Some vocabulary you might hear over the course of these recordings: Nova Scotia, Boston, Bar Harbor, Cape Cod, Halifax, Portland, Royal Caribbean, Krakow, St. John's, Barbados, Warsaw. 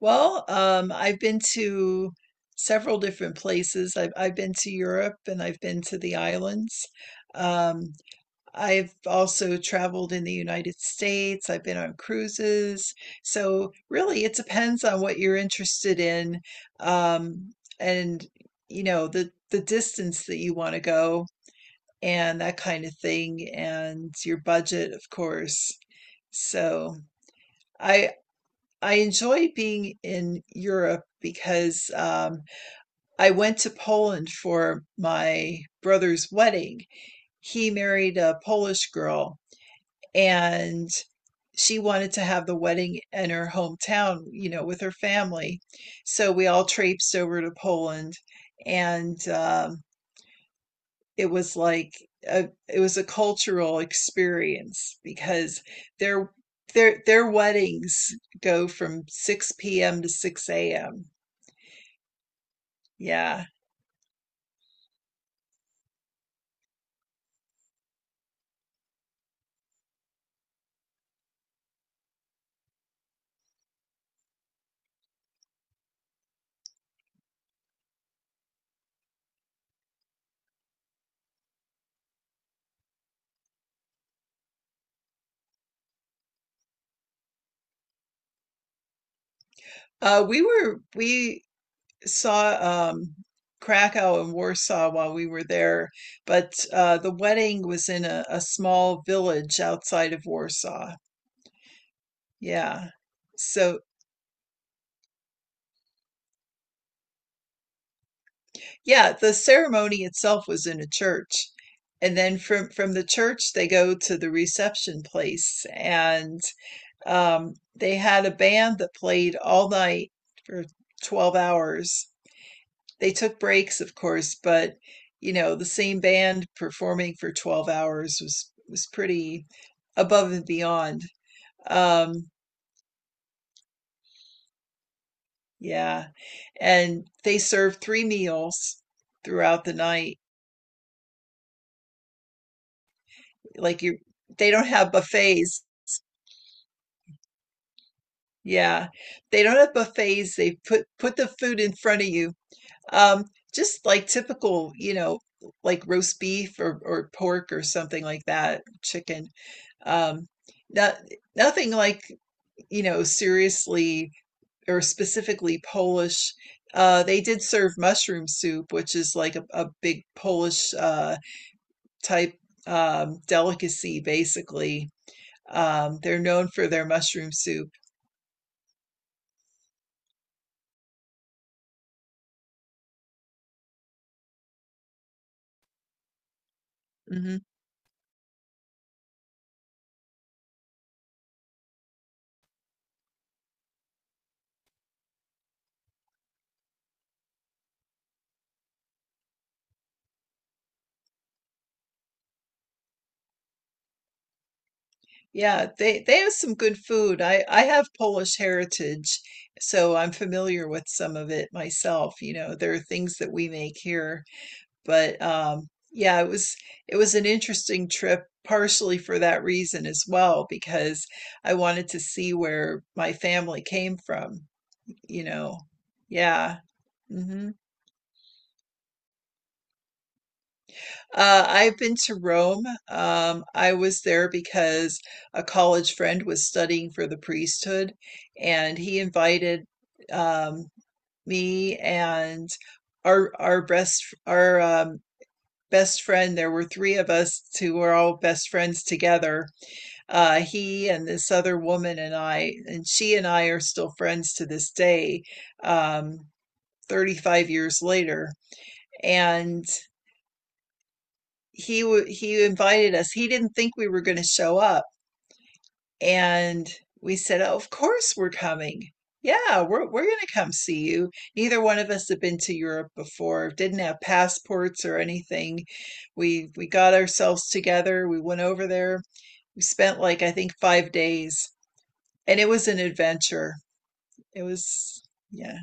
Well, I've been to several different places. I've been to Europe and I've been to the islands. Um, I've also traveled in the United States. I've been on cruises. So really, it depends on what you're interested in, um, and the distance that you want to go and that kind of thing, and your budget, of course. So. I I enjoy being in Europe because I went to Poland for my brother's wedding. He married a Polish girl and she wanted to have the wedding in her hometown, with her family. So we all traipsed over to Poland and it was like it was a cultural experience because their their weddings go from 6 p.m. to 6 a.m. Yeah. We saw Krakow and Warsaw while we were there, but the wedding was in a small village outside of Warsaw. Yeah. So, yeah, the ceremony itself was in a church. And then from the church they go to the reception place, and they had a band that played all night for 12 hours. They took breaks, of course, but the same band performing for 12 hours was pretty above and beyond. Um yeah, and they served three meals throughout the night. Like you they don't have buffets. Yeah. They don't have buffets. They put the food in front of you. Um, just like typical, like roast beef or pork or something like that, chicken. Um, not, nothing like, seriously or specifically Polish. They did serve mushroom soup, which is like a big Polish type delicacy, basically. They're known for their mushroom soup. Mhm. Yeah, they have some good food. I have Polish heritage, so I'm familiar with some of it myself. You know, there are things that we make here, but yeah, it was an interesting trip partially for that reason as well because I wanted to see where my family came from, you know. Yeah. hmm I've been to Rome. I was there because a college friend was studying for the priesthood, and he invited um, me and our best friend. There were three of us who were all best friends together. He and this other woman and I, and she and I are still friends to this day, um, 35 years later. And he invited us. He didn't think we were going to show up, and we said, "Oh, of course we're coming. Yeah, we're going to come see you." Neither one of us had been to Europe before, didn't have passports or anything. We got ourselves together. We went over there. We spent like I think 5 days, and it was an adventure. It was, yeah.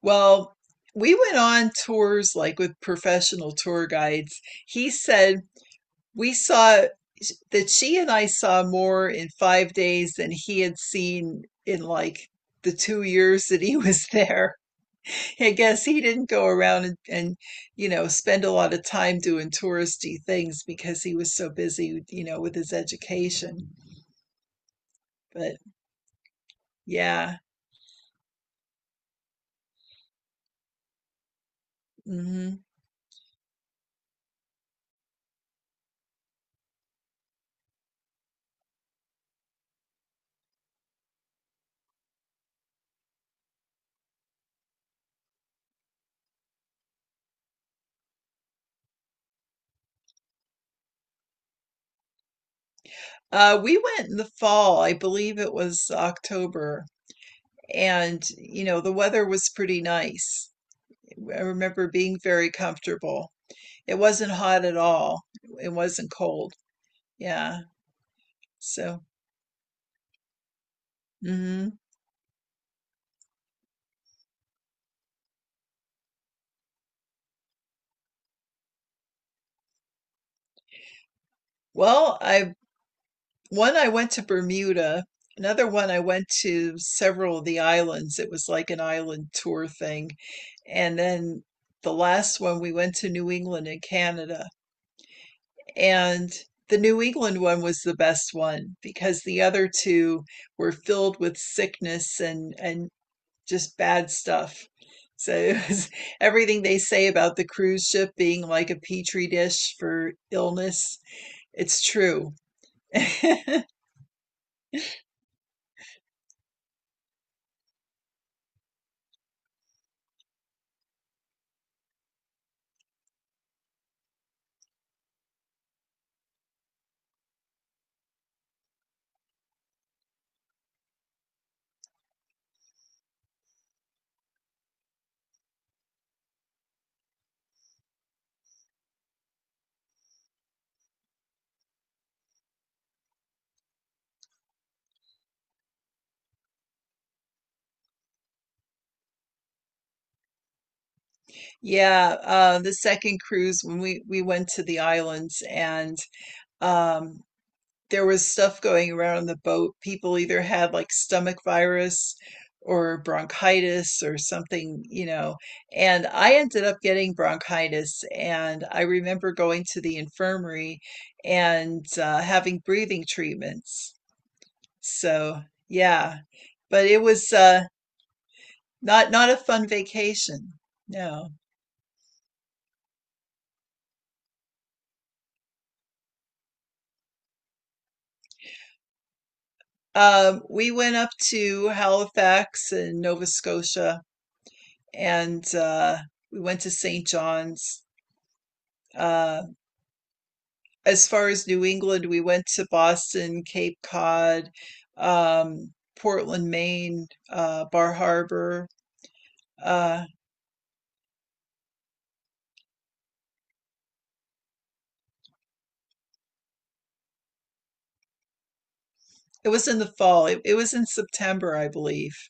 Well. We went on tours like with professional tour guides. He said we saw that she and I saw more in 5 days than he had seen in like the 2 years that he was there. I guess he didn't go around and spend a lot of time doing touristy things because he was so busy, with his education. But, yeah. hmm we went in the fall, I believe it was October, and, the weather was pretty nice. I remember being very comfortable. It wasn't hot at all. It wasn't cold. Yeah. So. hmm well, I one I went to Bermuda. Another one I went to several of the islands. It was like an island tour thing. And then the last one we went to New England and Canada. And the New England one was the best one because the other two were filled with sickness and just bad stuff. So, it was everything they say about the cruise ship being like a petri dish for illness, it's true. Yeah, the second cruise when we went to the islands and um there was stuff going around on the boat. People either had like stomach virus or bronchitis or something. And I ended up getting bronchitis. And I remember going to the infirmary and having breathing treatments. So, yeah, but it was not a fun vacation. No. We went up to Halifax in Nova Scotia and we went to St. John's. Um, as far as New England, we went to Boston, Cape Cod, um, Portland, Maine, Bar Harbor. Uh, it was in the fall. It was in September, I believe.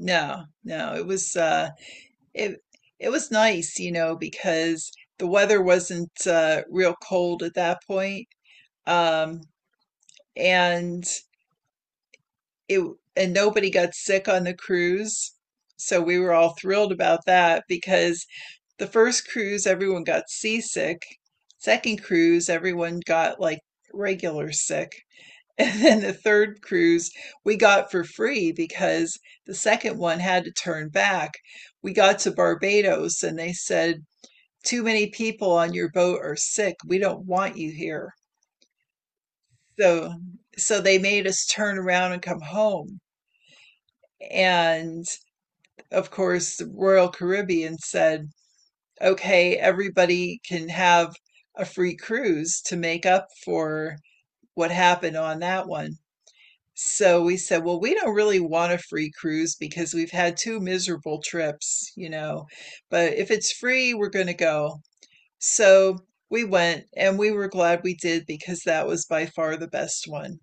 No, no, it was it it was nice, because the weather wasn't real cold at that point, um, and it and nobody got sick on the cruise, so we were all thrilled about that because the first cruise everyone got seasick. Second cruise everyone got like regular sick. And then the third cruise we got for free because the second one had to turn back. We got to Barbados and they said too many people on your boat are sick, we don't want you here. So so they made us turn around and come home. And of course the Royal Caribbean said, "Okay, everybody can have a free cruise to make up for what happened on that one." So we said, well, we don't really want a free cruise because we've had two miserable trips, but if it's free, we're going to go. So we went and we were glad we did because that was by far the best one.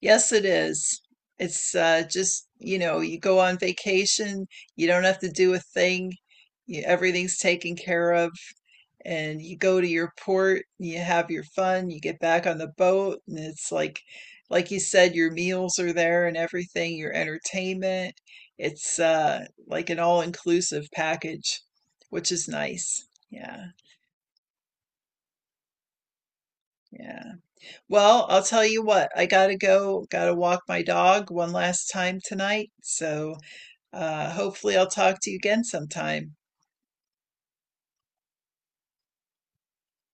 Yes, it is. It's just, you go on vacation, you don't have to do a thing, everything's taken care of. And you go to your port, you have your fun, you get back on the boat, and it's like you said, your meals are there and everything, your entertainment. It's like an all-inclusive package, which is nice. Yeah, yeah. Well, I'll tell you what, I gotta go, gotta walk my dog one last time tonight. So, hopefully I'll talk to you again sometime.